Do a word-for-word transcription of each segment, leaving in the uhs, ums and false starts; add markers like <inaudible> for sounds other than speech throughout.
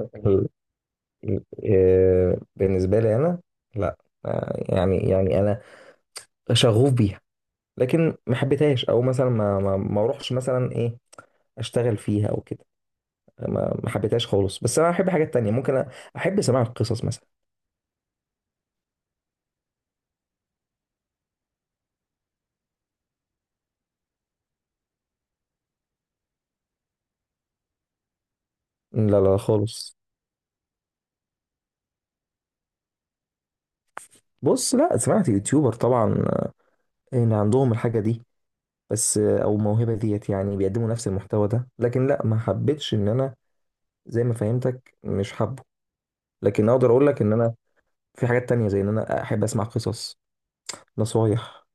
ال- ال- آه، بالنسبة لي أنا لا. آه، يعني يعني أنا شغوف بيها، لكن ما حبيتهاش. أو مثلا ما ما ما أروحش مثلا إيه، أشتغل فيها أو كده. ما ما حبيتهاش خالص، بس أنا أحب حاجات تانية. ممكن أ- أحب سماع القصص مثلا. لا لا خالص. بص، لا سمعت يوتيوبر طبعا، آه، إن عندهم الحاجة دي. بس آه، أو الموهبة ديت، يعني بيقدموا نفس المحتوى ده، لكن لا ما حبيتش إن أنا زي ما فهمتك مش حابه. لكن أقدر أقول لك إن أنا في حاجات تانية، زي إن أنا أحب أسمع قصص، نصايح،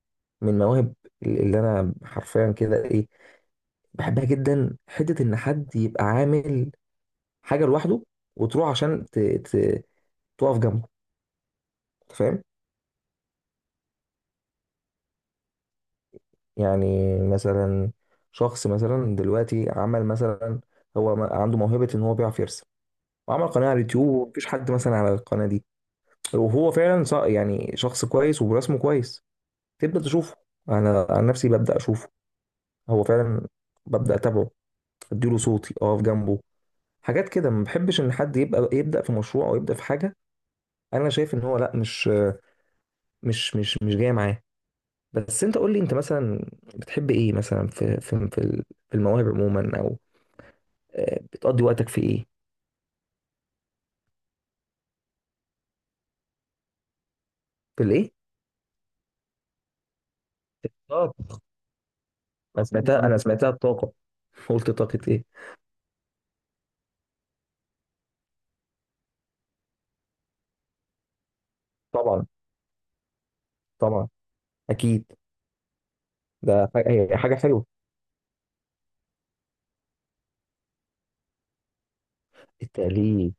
من مواهب، اللي انا حرفيا كده ايه، بحبها جدا. حته ان حد يبقى عامل حاجه لوحده وتروح عشان ت... ت... تقف جنبه، أنت فاهم. يعني مثلا شخص مثلا دلوقتي عمل مثلا، هو ما- عنده موهبه ان هو بيعرف يرسم، وعمل قناه على اليوتيوب، ومفيش حد مثلا على القناه دي، وهو فعلا ص- يعني شخص كويس ورسمه كويس. تبدا تشوفه، انا عن نفسي ببدا اشوفه، هو فعلا، ببدا اتابعه، اديله صوتي اقف جنبه. حاجات كده. ما بحبش ان حد يبقى يبدا في مشروع او يبدا في حاجه انا شايف ان هو لا، مش مش مش مش جاي معاه. بس انت قول لي، انت مثلا بتحب ايه مثلا، في في في ال- في المواهب عموما، او آه، بتقضي وقتك في ايه؟ في الايه؟ طب، انا سمعتها انا سمعتها الطاقه. <laughs> قلت طاقه ايه. طبعا، طبعا، اكيد، ده حاجه، هي حاجه حلوه. التأليف،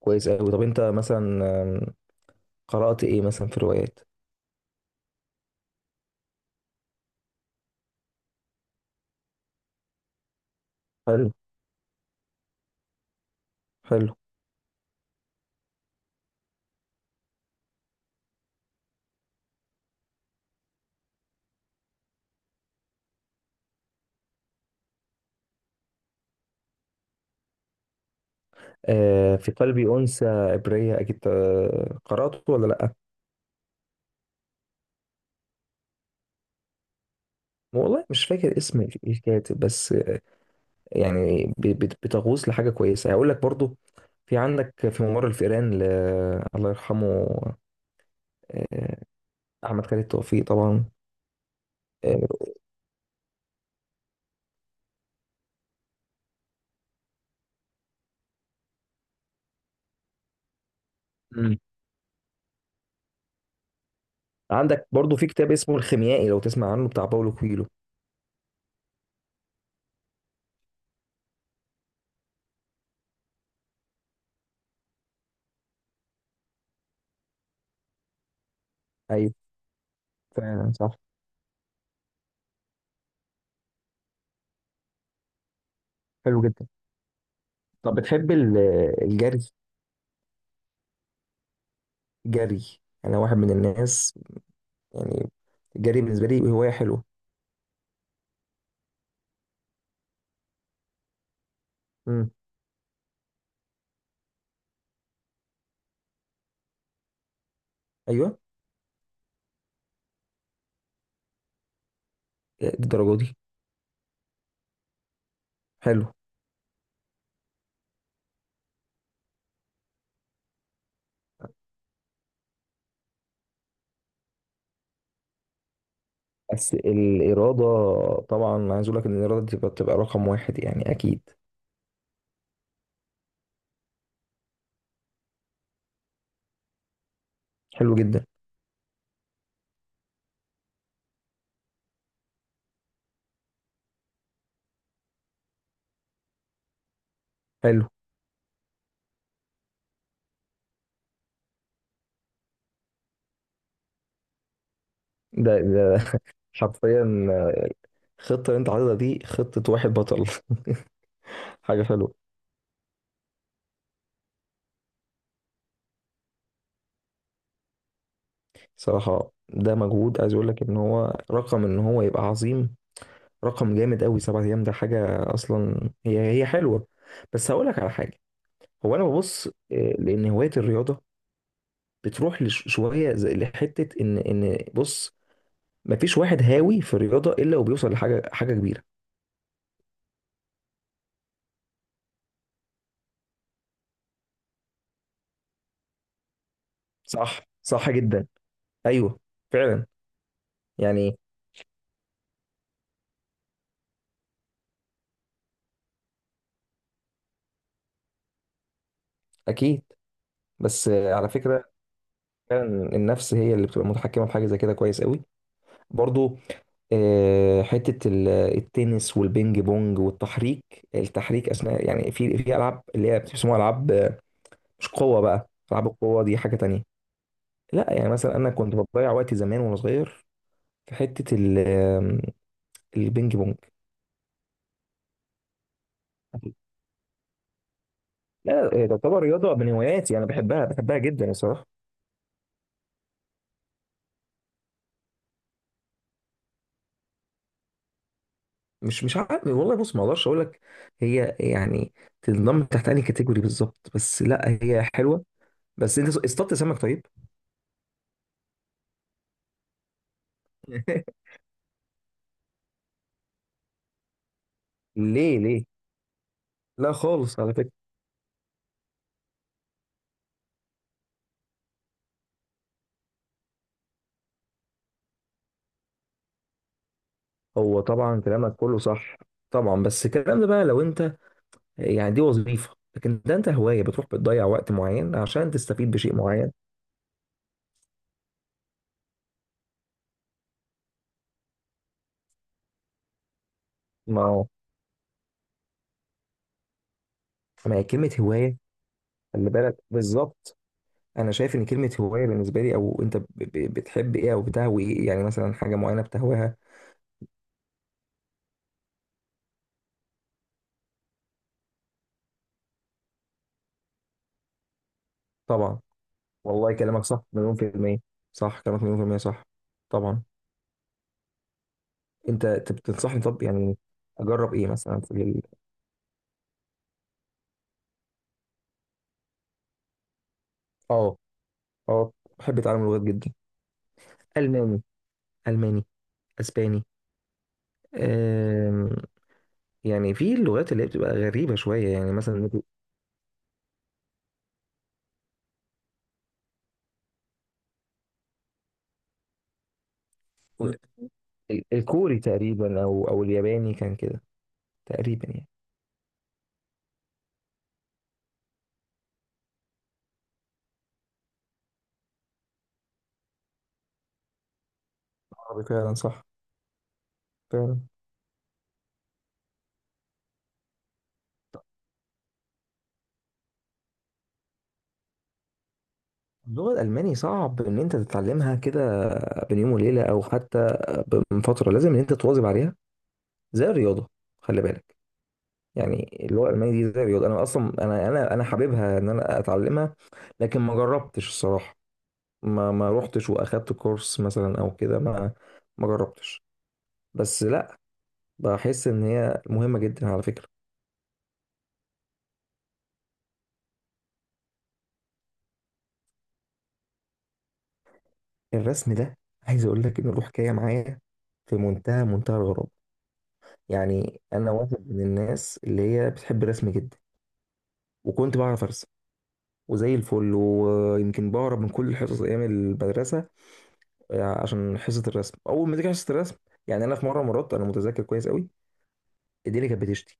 كويس قوي. طب انت مثلا، آم، قرأت ايه مثلا في روايات؟ حلو. حلو. آه، في قلبي أنثى عبرية، أكيد آه، قرأته ولا لأ؟ والله مش فاكر اسم الكاتب بس. يعني ب- بت- بتغوص لحاجة كويسة. هقول لك برضو، في عندك في ممر الفئران ل... الله يرحمه. آه، أحمد خالد توفيق طبعا. آه. مم. عندك برضو في كتاب اسمه الخيميائي، لو تسمع عنه، بتاع باولو كويلو. أيوة، فعلا صح. حلو جدا. طب بتحب ال- الجري، جري؟ أنا واحد من الناس، يعني الجري بالنسبة لي هواية حلوة. مم. الدرجة دي؟ حلو. بس الإرادة، طبعا عايز أقول لك إن الإرادة دي بتبقى بتبقى رقم واحد يعني، أكيد. حلو جدا. حلو. ده ده <laughs> حرفيا الخطة اللي أنت عايزها دي، خطة واحد بطل. <laughs> حاجة حلوة. صراحة ده مجهود، عايز أقول لك إن هو رقم، إن هو يبقى عظيم، رقم جامد أوي. سبعة أيام ده حاجة أصلا، هي هي حلوة. بس هقول لك على حاجة، هو أنا ببص آه، لأن هواية الرياضة بتروح لش- شوية زي لحتة، إن إن بص، مفيش واحد هاوي في الرياضه الا وبيوصل لحاجه، حاجه كبيره. صح، صح جدا. ايوه، فعلا يعني. اكيد. بس آه، على فكره، فعلا، النفس هي اللي بتبقى متحكمه في حاجه زي كده كويس قوي. برضو آه، حته ال- التنس والبينج بونج، والتحريك، التحريك اثناء، يعني في في العاب اللي هي بيسموها العاب آه، مش قوه بقى، العاب القوه دي حاجه تانية. لا يعني مثلا انا كنت بضيع وقتي زمان وانا صغير في حته ال- آم، البينج بونج. لا إيه، تعتبر رياضة، من هواياتي، أنا بحبها، بحبها جدا الصراحة. مش مش عارف والله، بص ما أقدرش أقول لك هي يعني تنضم تحت أي كاتيجوري بالظبط، بس لا هي حلوة. بس أنت اصطدت سمك طيب. <laughs> ليه؟ ليه؟ لا خالص، على فكرة. هو طبعا كلامك كله صح، طبعا، بس الكلام ده بقى لو أنت، يعني دي وظيفة، لكن ده أنت هواية، بتروح بتضيع وقت معين عشان تستفيد بشيء معين. ما هو، ما هي كلمة هواية؟ خلي بالك بالظبط، انا شايف ان كلمه هوايه بالنسبه لي، او انت ب- ب- بتحب ايه، او بتهوي ايه، يعني مثلا حاجه معينه بتهواها. طبعا. والله كلامك صح، مليون في الميه. صح كلامك، مليون في الميه، صح. طبعا. انت أنت بتنصحني طب يعني اجرب ايه مثلا في ال... اه. اه. بحب اتعلم لغات جدا. الماني، الماني، اسباني. أم... يعني في اللغات اللي هي بتبقى غريبه شويه يعني مثلا مم. ال- الكوري تقريبا، او او الياباني، كان كده تقريبا يعني. عربي فعلا صح. فعلا. اللغة الألماني صعب إن أنت تتعلمها كده بين يوم وليلة، أو حتى من فترة. لازم إن أنت تواظب عليها زي الرياضة، خلي بالك. يعني اللغة الألمانية دي زي الرياضة. أنا أصلا أنا أنا أنا حاببها إن أنا أتعلمها، لكن ما جربتش الصراحة. ما ما روحتش وأخدت كورس مثلا أو كده، ما ما جربتش. بس لأ، بحس إن هي مهمة جدا على فكرة. الرسم ده عايز أقول لك إن له حكاية معايا في منتهى منتهى الغرابة. يعني أنا واحد من الناس اللي هي بتحب الرسم جدا، وكنت بعرف أرسم وزي الفل، ويمكن بهرب من كل الحصص ايام المدرسه، آه، عشان حصه الرسم. اول ما تيجي حصه الرسم، يعني انا في مره، مرات انا متذكر كويس قوي، ايديلي كانت بتشتي،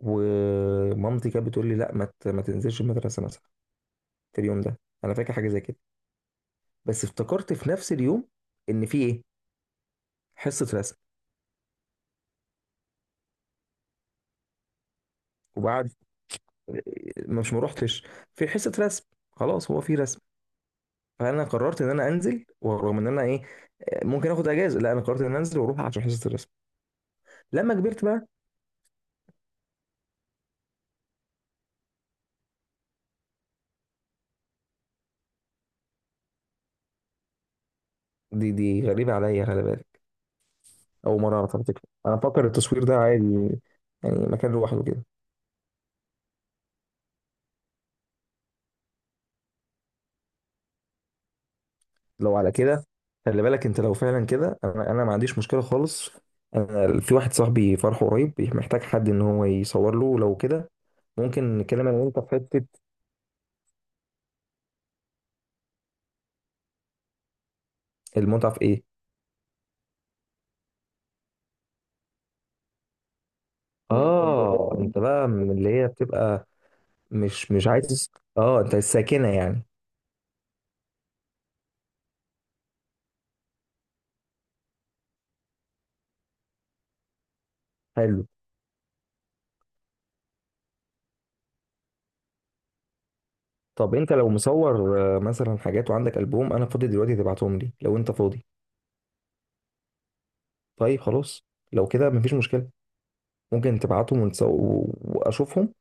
ومامتي كانت بتقول لي لا ما ت- ما تنزلش المدرسه مثلا، في اليوم ده، انا فاكر حاجه زي كده، بس افتكرت في نفس اليوم ان في ايه، حصه رسم. وبعد، ما مش ما روحتش، في حصه رسم، خلاص هو في رسم، فانا قررت ان انا انزل. ورغم ان انا ايه، آه، ممكن اخد اجازه، لا انا قررت ان انا انزل واروح عشان حصه الرسم. لما كبرت بقى. دي دي غريبة عليا، خلي بالك. أول مرة أعرف على فكرة، أنا فاكر التصوير ده عادي يعني مكان لوحده كده. لو على كده، خلي بالك أنت لو فعلا كده، أنا أنا ما عنديش مشكلة خالص. أنا في واحد صاحبي فرحه قريب، محتاج حد إن هو يصور له، لو كده ممكن نتكلم أنا وأنت في حتة. المتعة في إيه؟ اه، أنت بقى من اللي هي بتبقى، مش مش عايز، أه أنت الساكنة يعني. حلو. طب أنت لو مصور آه، مثلا حاجات وعندك ألبوم، أنا فاضي دلوقتي، تبعتهم لي لو أنت فاضي. طيب، خلاص، لو كده مفيش مشكلة، ممكن تبعتهم ونس- و- واشوفهم،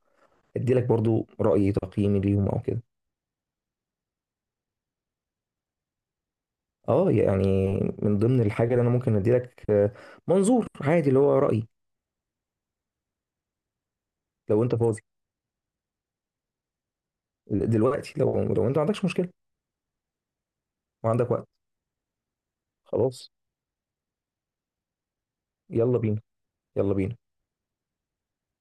اديلك برضو رأيي، تقييمي ليهم او كده. اه يعني من ضمن الحاجة اللي انا ممكن اديلك آه، منظور عادي اللي هو رأيي. لو انت فاضي دلوقتي، لو لو انت ما عندكش مشكلة وعندك وقت. خلاص. يلا بينا. يلا بينا.